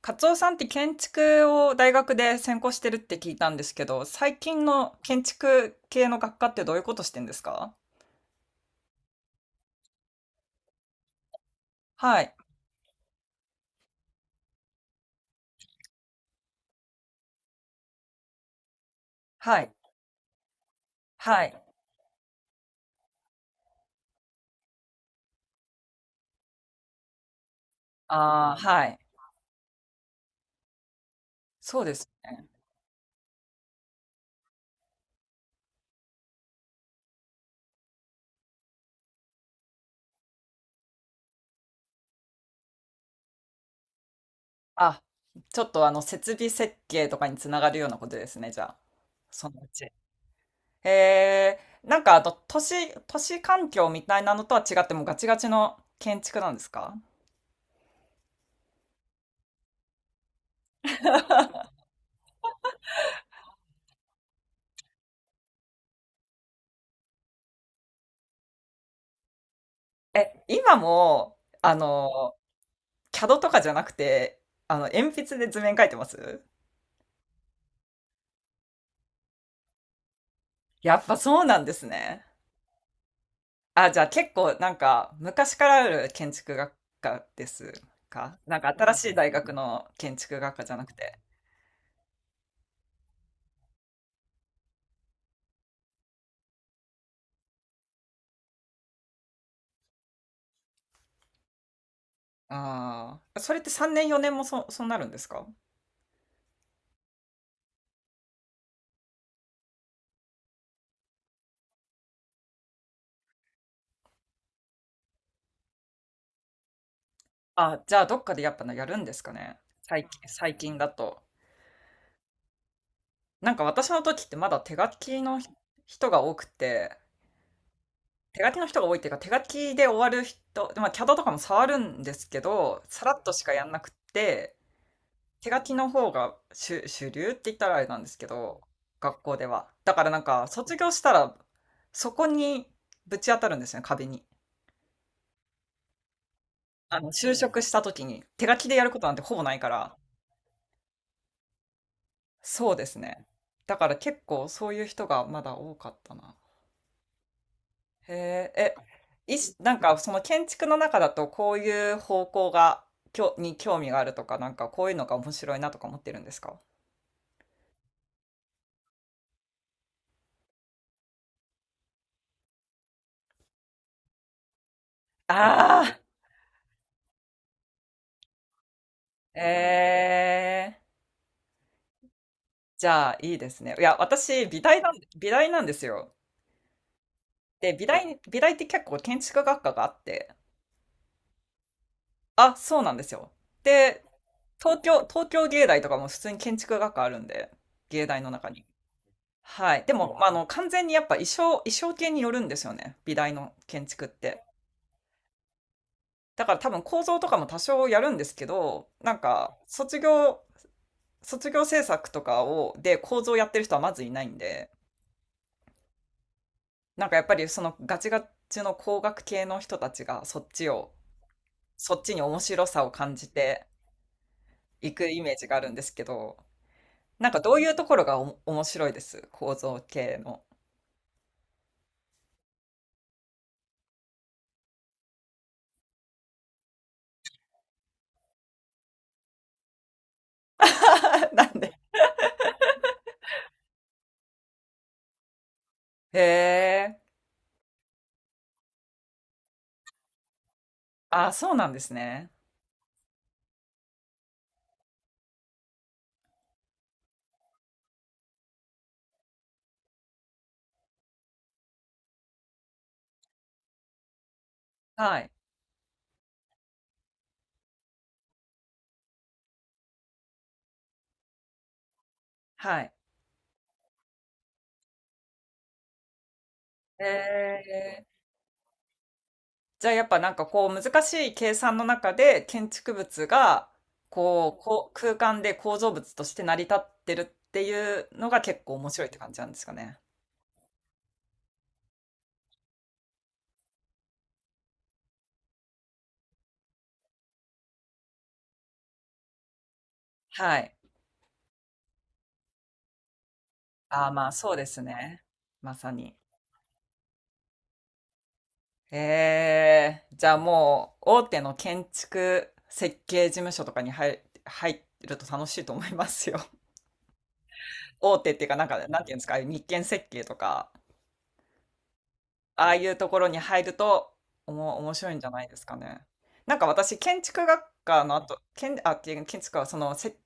カツオさんって建築を大学で専攻してるって聞いたんですけど、最近の建築系の学科ってどういうことしてんですか？はい、はい、はい。ああ、はい。そうですね。あ、ちょっと設備設計とかにつながるようなことですね、じゃあ。そのうち。ええ、なんかあと、都市環境みたいなのとは違ってもうガチガチの建築なんですか？え、今も、CAD とかじゃなくて、あの、鉛筆で図面描いてます？やっぱそうなんですね。あ、じゃあ結構なんか昔からある建築学科ですか？なんか新しい大学の建築学科じゃなくて。ああ、それって3年4年もそうなるんですか？あ、じゃあどっかでやっぱやるんですかね。最近だと。なんか私の時ってまだ手書きの人が多くて、手書きの人が多いっていうか手書きで終わる人、まあキャドとかも触るんですけど、さらっとしかやんなくて、手書きの方が主流って言ったらあれなんですけど、学校では。だからなんか、卒業したら、そこにぶち当たるんですよね、壁に。あの、就職した時に、手書きでやることなんてほぼないから。そうですね。だから結構そういう人がまだ多かったな。へえ、え、いし、なんかその建築の中だとこういう方向が、に興味があるとか、なんかこういうのが面白いなとか思ってるんですか？ああー、ええ、じゃあ、いいですね。いや、私、美大なんですよ。で、美大って結構建築学科があって、あ、そうなんですよ。で、東京芸大とかも普通に建築学科あるんで、芸大の中に。はい。でも、まあ、あの、完全にやっぱ衣装系によるんですよね。美大の建築って。だから多分構造とかも多少やるんですけど、卒業制作とかを、で構造やってる人はまずいないんで、なんかやっぱりそのガチガチの工学系の人たちがそっちを、そっちに面白さを感じていくイメージがあるんですけど、なんかどういうところがお面白いです構造系の？なんで。へえ。あ、そうなんですね。はい。はい。へえ。じゃあやっぱなんかこう難しい計算の中で建築物がこう、こう空間で構造物として成り立ってるっていうのが結構面白いって感じなんですかね。はい。ああ、まあそうですね。まさに。ええ、じゃあもう大手の建築設計事務所とかに入ると楽しいと思いますよ。大手っていうか、なんていうんですか、日建設計とか、ああいうところに入るとおも面白いんじゃないですかね。なんか私建築学科の後、建、あ、建建築はそのせ、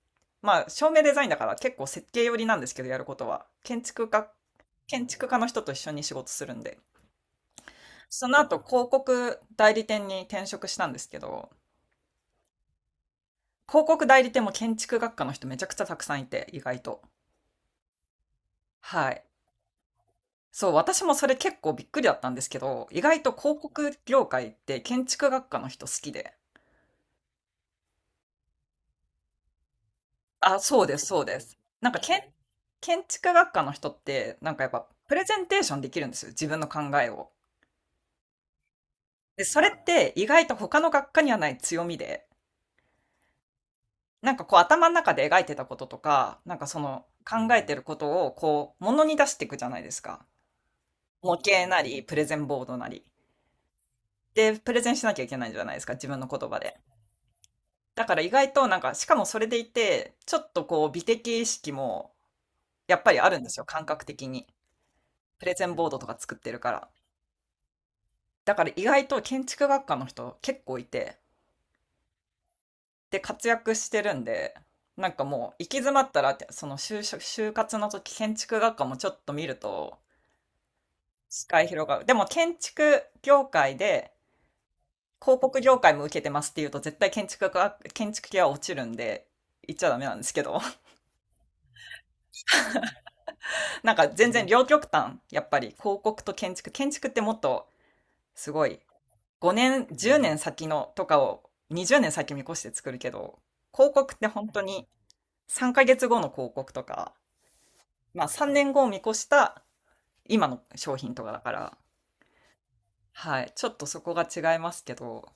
まあ照明デザインだから結構設計寄りなんですけどやることは建築家の人と一緒に仕事するんで、その後広告代理店に転職したんですけど、広告代理店も建築学科の人めちゃくちゃたくさんいて意外と。はい。そう、私もそれ結構びっくりだったんですけど、意外と広告業界って建築学科の人好きで。あ、そうです、そうです。なんか、け建ん建築学科の人って、なんかやっぱ、プレゼンテーションできるんですよ、自分の考えを。で、それって意外と他の学科にはない強みで、なんかこう頭の中で描いてたこととか、なんかその考えてることをこう、ものに出していくじゃないですか。模型なり、プレゼンボードなり。で、プレゼンしなきゃいけないじゃないですか、自分の言葉で。だから意外となんか、しかもそれでいて、ちょっとこう、美的意識もやっぱりあるんですよ、感覚的に。プレゼンボードとか作ってるから。だから意外と建築学科の人結構いて、で、活躍してるんで、なんかもう行き詰まったらその就活の時建築学科もちょっと見ると視界広がる。でも建築業界で広告業界も受けてますっていうと絶対建築系は落ちるんで、言っちゃダメなんですけど なんか全然両極端、やっぱり広告と建築、建築ってもっとすごい5年、10年先のとかを20年先見越して作るけど、広告って本当に3ヶ月後の広告とか、まあ3年後を見越した今の商品とかだから、はい、ちょっとそこが違いますけど、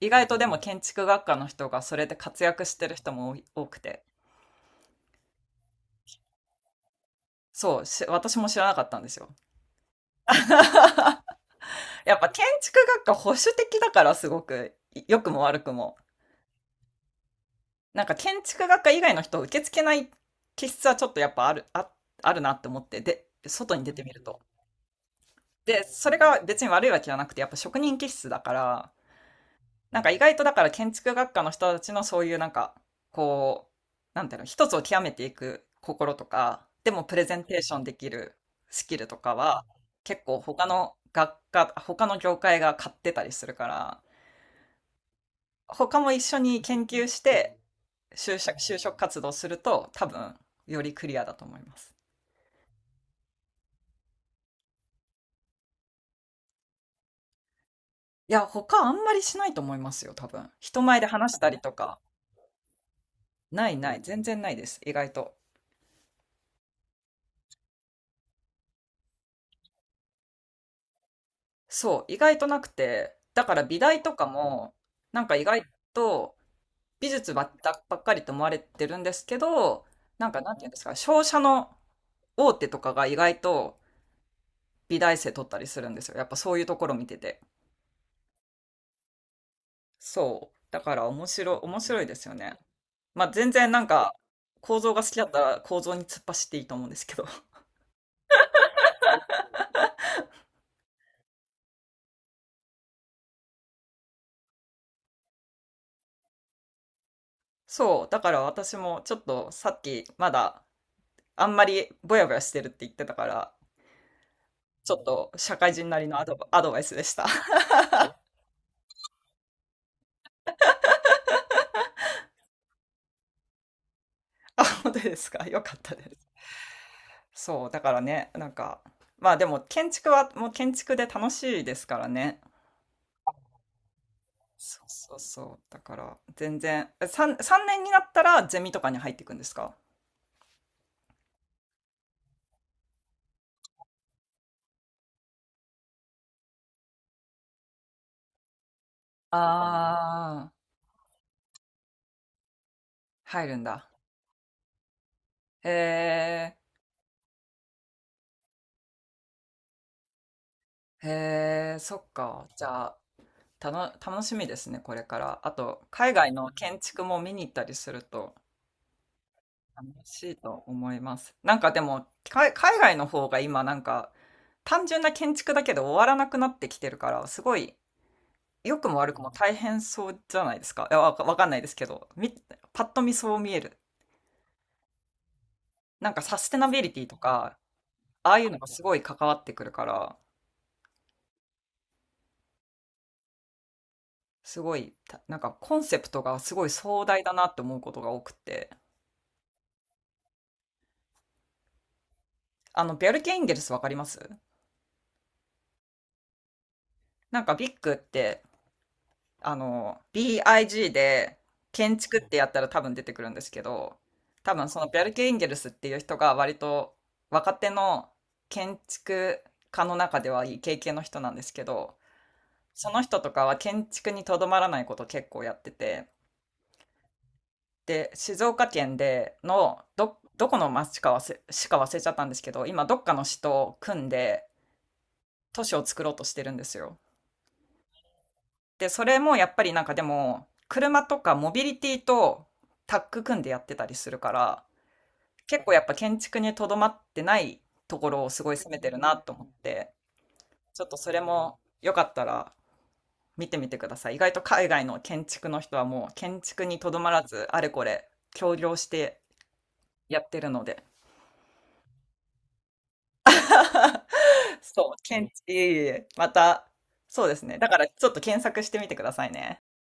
意外とでも建築学科の人がそれで活躍してる人も多くて、そう、し私も知らなかったんですよ。やっぱ建築学科保守的だからすごく、良くも悪くも。なんか建築学科以外の人を受け付けない気質はちょっとやっぱある、あ、あるなって思って、で、外に出てみると。で、それが別に悪いわけじゃなくて、やっぱ職人気質だから、なんか意外とだから建築学科の人たちのそういうなんか、こう、なんていうの、一つを極めていく心とか、でもプレゼンテーションできるスキルとかは、結構他の学科、他の業界が買ってたりするから、他も一緒に研究して就職活動すると多分よりクリアだと思います。いや、他あんまりしないと思いますよ、多分。人前で話したりとか。ないない、全然ないです、意外と。そう、意外となくて、だから美大とかも、なんか意外と美術ばっかりと思われてるんですけど、なんかなんていうんですか、商社の大手とかが意外と美大生取ったりするんですよ。やっぱそういうところ見てて。そう。だから面白いですよね。まあ全然なんか構造が好きだったら構造に突っ走っていいと思うんですけど。そう。だから私もちょっとさっきまだあんまりぼやぼやしてるって言ってたから、ちょっと社会人なりのアドバイスでした。あ、本当ですか。よかったです。そう、だからね、なんか、まあでも建築はもう建築で楽しいですからね。そうそうそう。だから全然、3年になったらゼミとかに入っていくんですか？ああー、入るんだ。へえ、へえ、そっか。じゃあ、楽しみですね、これから。あと、海外の建築も見に行ったりすると楽しいと思います。なんかでも、か海外の方が今なんか、単純な建築だけで終わらなくなってきてるから、すごい、良くも悪くも大変そうじゃないですか。いや、わかんないですけど、み、パッと見そう見える。なんかサステナビリティとか、ああいうのがすごい関わってくるから、すごい、たなんかコンセプトがすごい壮大だなって思うことが多くて。あの、ビャルケ・インゲルスわかります？なんかビッグってあの、BIG で建築ってやったら多分出てくるんですけど、多分そのベルケ・インゲルスっていう人が割と若手の建築家の中ではいい経験の人なんですけど、その人とかは建築にとどまらないことを結構やってて、で、静岡県でのどこの町かわせ市か忘れちゃったんですけど、今どっかの市と組んで都市を作ろうとしてるんですよ。で、それもやっぱりなんかでも、車とかモビリティとタッグ組んでやってたりするから、結構やっぱ建築にとどまってないところをすごい攻めてるなと思って、ちょっとそれもよかったら見てみてください。意外と海外の建築の人はもう建築にとどまらず、あれこれ協業してやってるので。そう、建築、いえいえ、また、そうですね。だからちょっと検索してみてくださいね。